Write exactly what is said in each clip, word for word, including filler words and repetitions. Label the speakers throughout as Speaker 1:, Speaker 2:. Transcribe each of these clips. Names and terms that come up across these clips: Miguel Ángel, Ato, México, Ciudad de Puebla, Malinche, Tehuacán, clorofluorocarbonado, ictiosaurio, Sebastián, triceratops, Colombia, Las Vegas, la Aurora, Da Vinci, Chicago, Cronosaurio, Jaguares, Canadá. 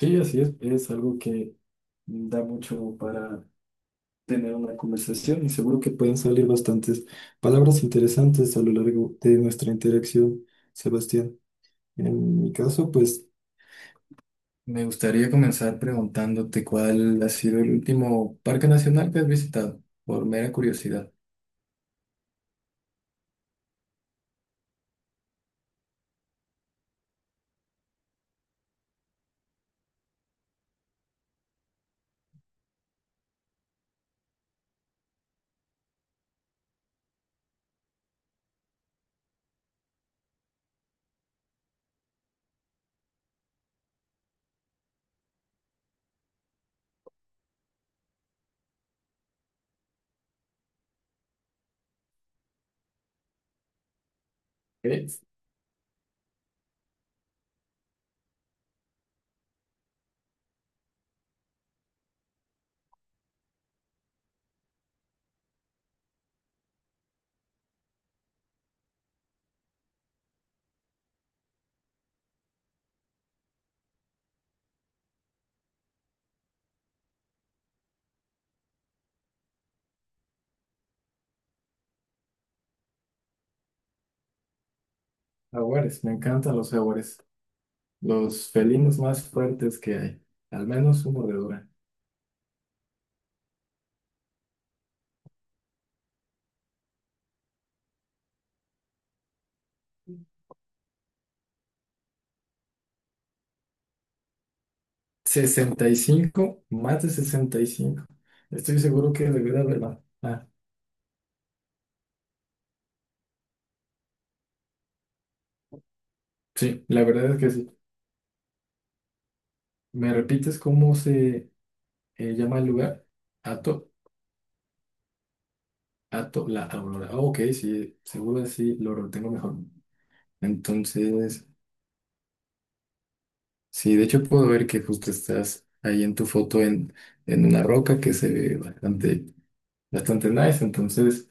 Speaker 1: Sí, así es, es algo que da mucho para tener una conversación y seguro que pueden salir bastantes palabras interesantes a lo largo de nuestra interacción, Sebastián. En mi caso, pues me gustaría comenzar preguntándote cuál ha sido el último parque nacional que has visitado, por mera curiosidad. Es Jaguares, me encantan los jaguares, los felinos más fuertes que hay, al menos su mordedura. Sesenta y cinco, más de sesenta y cinco. Estoy seguro que debió de haberla. Ah, sí, la verdad es que sí. ¿Me repites cómo se eh, llama el lugar? Ato, Ato, la Aurora. Ah, ok, sí, seguro así lo retengo mejor. Entonces, sí, de hecho puedo ver que justo estás ahí en tu foto en, en una roca que se ve bastante, bastante nice. Entonces,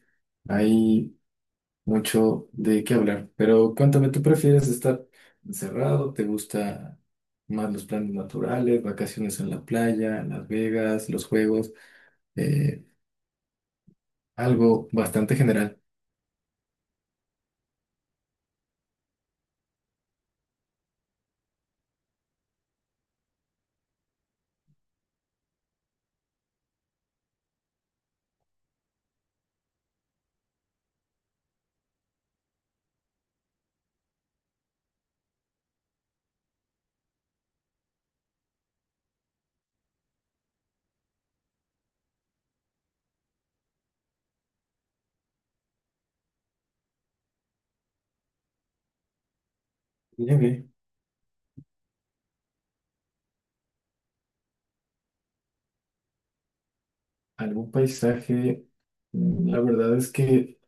Speaker 1: ahí. Mucho de qué hablar. Pero cuéntame, ¿tú prefieres estar encerrado? ¿Te gusta más los planes naturales, vacaciones en la playa, Las Vegas, los juegos? Eh, algo bastante general. Nieve, algún paisaje. mm, La verdad es que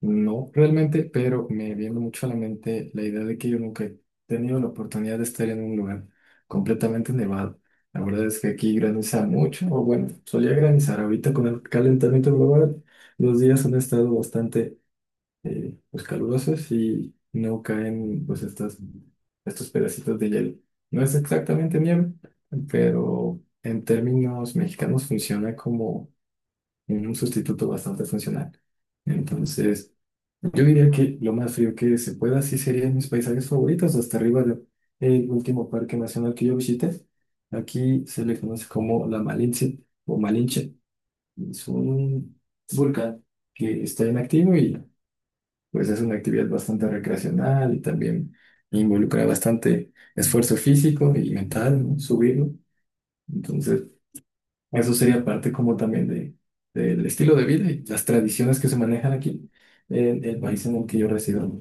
Speaker 1: No realmente, pero me viene mucho a la mente la idea de que yo nunca he tenido la oportunidad de estar en un lugar completamente nevado. La verdad es que aquí graniza mucho, o bueno, solía granizar. Ahorita con el calentamiento global, los días han estado bastante eh, pues, calurosos y no caen pues estas, estos pedacitos de hielo. No es exactamente nieve, pero en términos mexicanos funciona como un sustituto bastante funcional. Entonces... Yo diría que lo más frío que se pueda, sí serían mis paisajes favoritos, hasta arriba del último parque nacional que yo visité. Aquí se le conoce como la Malinche o Malinche. Es un volcán que está inactivo y pues es una actividad bastante recreacional y también involucra bastante esfuerzo físico y mental, ¿no? Subirlo. Entonces, eso sería parte como también de, del estilo de vida y las tradiciones que se manejan aquí en el país en el que yo resido.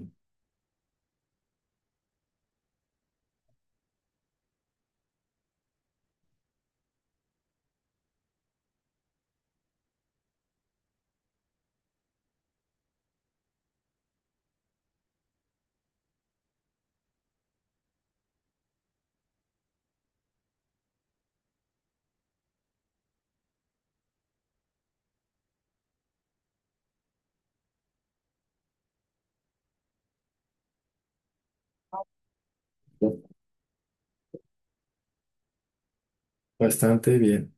Speaker 1: Bastante bien,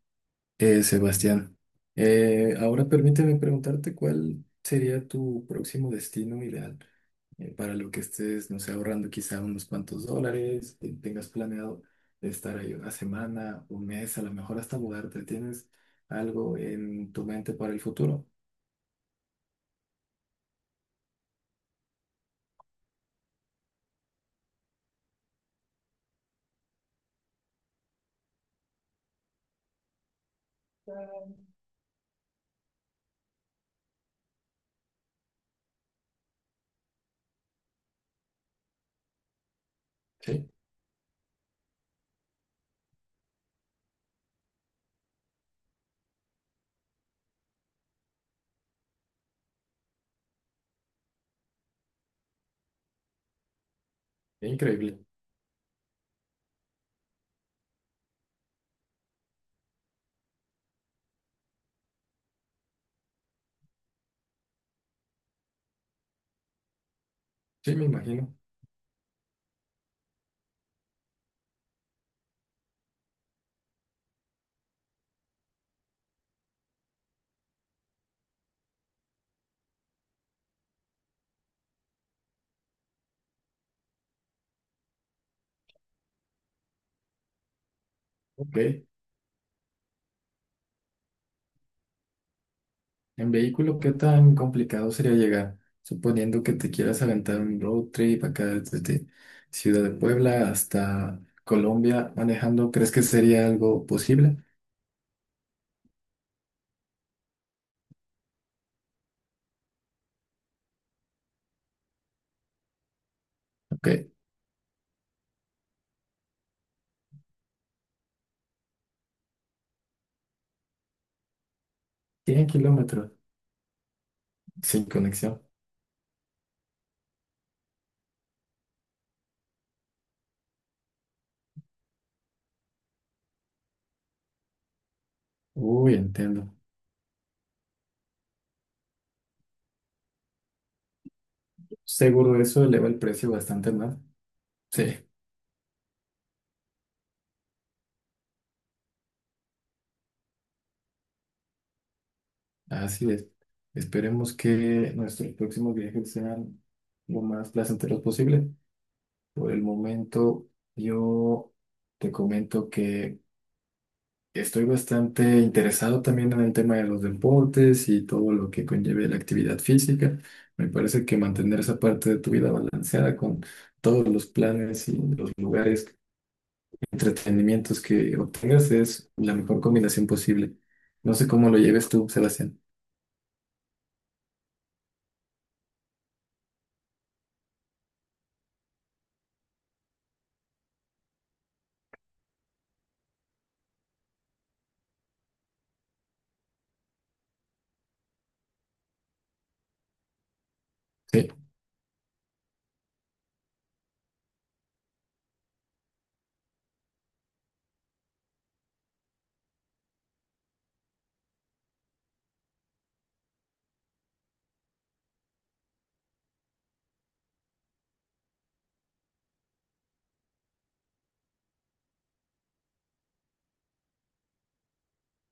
Speaker 1: eh, Sebastián. Eh, ahora permíteme preguntarte cuál sería tu próximo destino ideal eh, para lo que estés, no sé, ahorrando quizá unos cuantos dólares, eh, tengas planeado estar ahí una semana, un mes, a lo mejor hasta mudarte. ¿Tienes algo en tu mente para el futuro? Sí, increíble. Sí, me imagino. Ok. En vehículo, ¿qué tan complicado sería llegar? Suponiendo que te quieras aventar un road trip acá desde Ciudad de Puebla hasta Colombia manejando, ¿crees que sería algo posible? Ok, cien kilómetros sin conexión. Uy, entiendo. Seguro eso eleva el precio bastante más. Sí, así es. Esperemos que nuestros próximos viajes sean lo más placenteros posible. Por el momento, yo te comento que Estoy bastante interesado también en el tema de los deportes y todo lo que conlleve la actividad física. Me parece que mantener esa parte de tu vida balanceada con todos los planes y los lugares, entretenimientos que obtengas es la mejor combinación posible. No sé cómo lo lleves tú, Sebastián. Sí,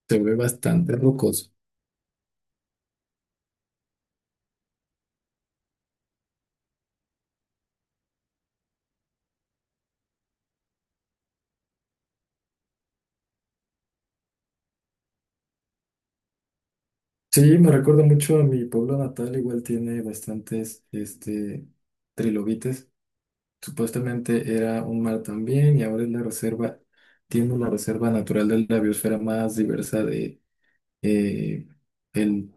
Speaker 1: se ve bastante rocoso. Sí, me recuerda mucho a mi pueblo natal, igual tiene bastantes este, trilobites. Supuestamente era un mar también y ahora es la reserva, tiene la reserva natural de la biosfera más diversa de eh, el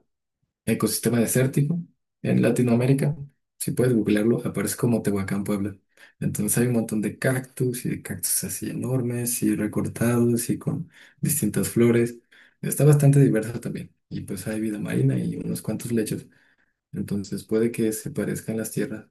Speaker 1: ecosistema desértico en Latinoamérica. Si puedes googlearlo, aparece como Tehuacán, Puebla. Entonces hay un montón de cactus y de cactus así enormes y recortados y con distintas flores. Está bastante diverso también. Y pues hay vida marina y unos cuantos lechos. Entonces puede que se parezcan las tierras.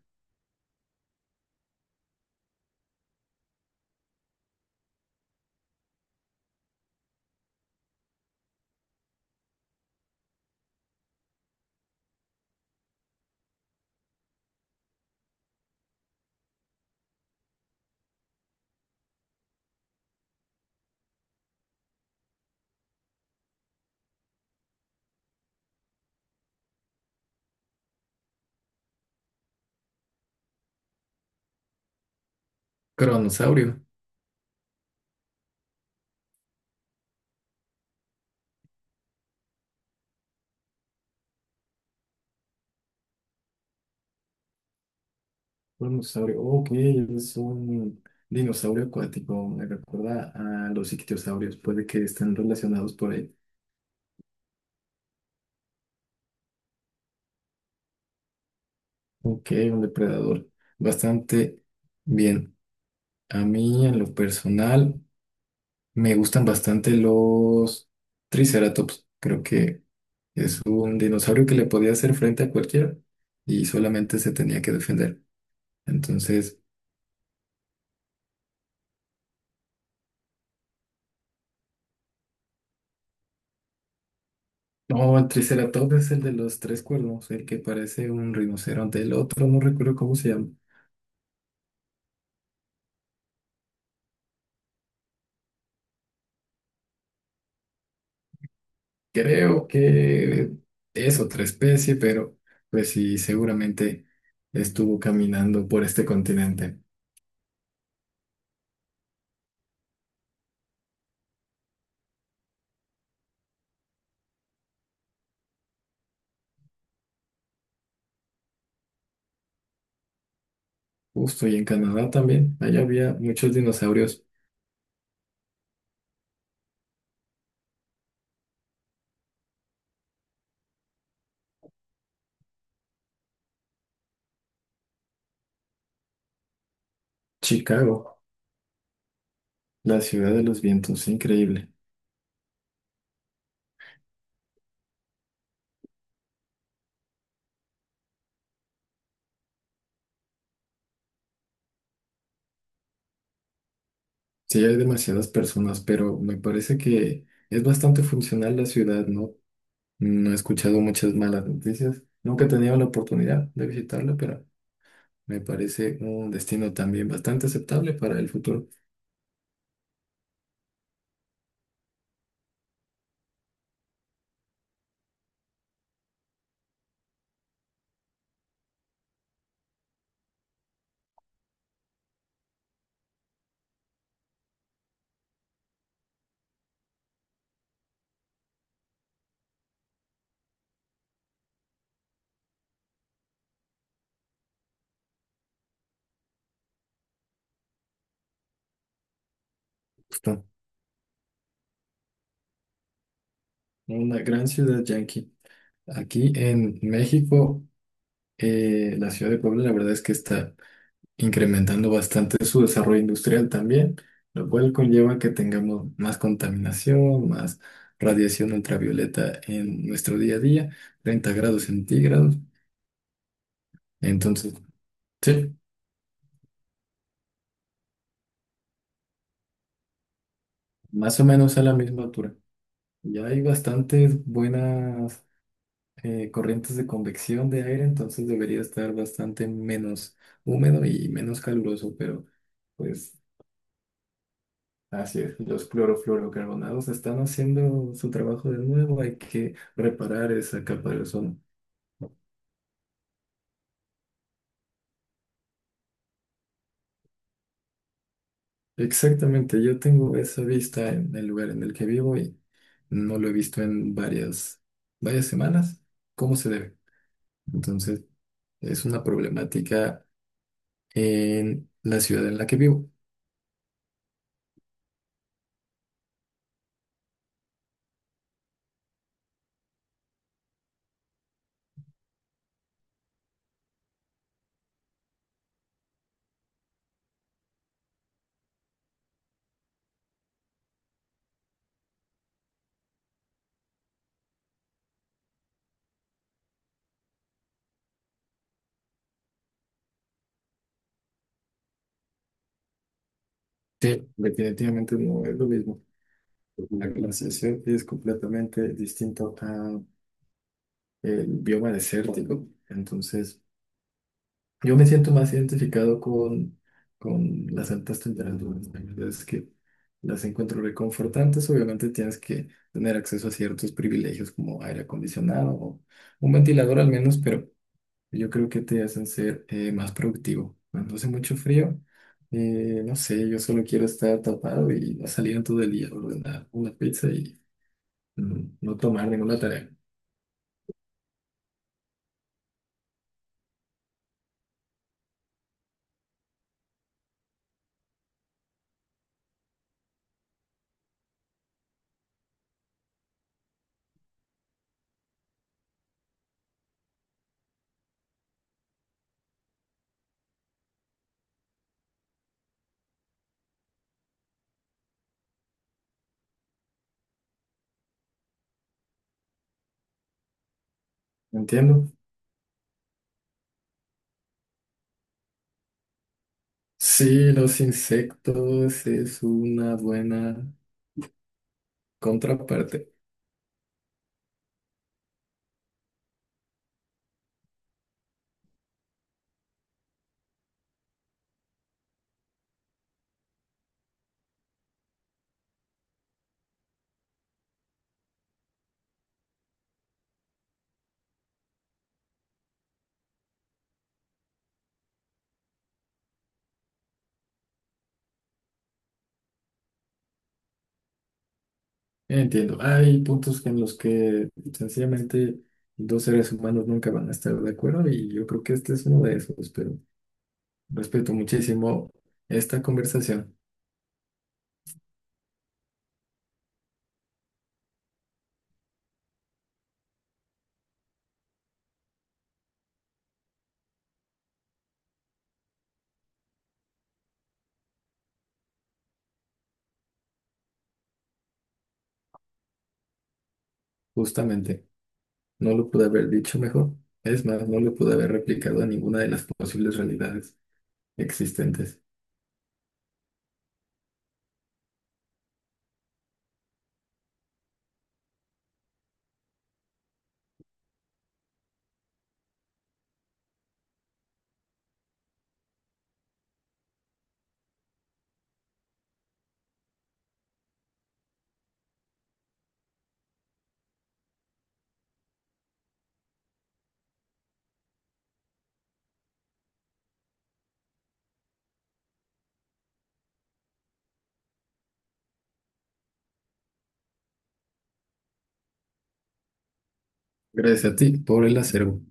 Speaker 1: Cronosaurio. Un dinosaurio, ok, es un dinosaurio acuático, me recuerda a los ictiosaurios, puede que estén relacionados por ahí. Ok, un depredador, bastante bien. A mí, en lo personal, me gustan bastante los triceratops, creo que es un dinosaurio que le podía hacer frente a cualquiera y solamente se tenía que defender. Entonces, no, el triceratops es el de los tres cuernos, el que parece un rinoceronte, el otro no recuerdo cómo se llama. Creo que es otra especie, pero pues sí, seguramente estuvo caminando por este continente. Justo y en Canadá también, allá había muchos dinosaurios. Chicago, la ciudad de los vientos, increíble. Sí, hay demasiadas personas, pero me parece que es bastante funcional la ciudad, ¿no? No he escuchado muchas malas noticias. Nunca he tenido la oportunidad de visitarla, pero me parece un destino también bastante aceptable para el futuro. Justo, Una gran ciudad yanqui. Aquí en México, eh, la ciudad de Puebla, la verdad es que está incrementando bastante su desarrollo industrial también, lo cual conlleva que tengamos más contaminación, más radiación ultravioleta en nuestro día a día, treinta grados centígrados. Entonces, sí, más o menos a la misma altura. Ya hay bastantes buenas eh, corrientes de convección de aire, entonces debería estar bastante menos húmedo y menos caluroso, pero... Pues Así es, los clorofluorocarbonados están haciendo su trabajo de nuevo, hay que reparar esa capa de ozono. Exactamente, yo tengo esa vista en el lugar en el que vivo y no lo he visto en varias, varias semanas, ¿cómo se debe? Entonces, es una problemática en la ciudad en la que vivo. Sí, definitivamente no es lo mismo. La glaciación es completamente distinto a el bioma desértico, entonces... Yo me siento más identificado con, con las altas temperaturas. ¿No? La verdad es que las encuentro reconfortantes. Obviamente tienes que tener acceso a ciertos privilegios como aire acondicionado o un ventilador al menos, pero yo creo que te hacen ser eh, más productivo. Cuando hace mucho frío, eh, no sé, yo solo quiero estar tapado y no salir en todo el día, ordenar una pizza y mm, no tomar ninguna tarea. ¿Entiendo? Sí, los insectos es una buena contraparte. Entiendo, hay puntos en los que sencillamente dos seres humanos nunca van a estar de acuerdo y yo creo que este es uno de esos, pero respeto muchísimo esta conversación, justamente. No lo pude haber dicho mejor, es más, no lo pude haber replicado a ninguna de las posibles realidades existentes. Gracias a ti por el acervo.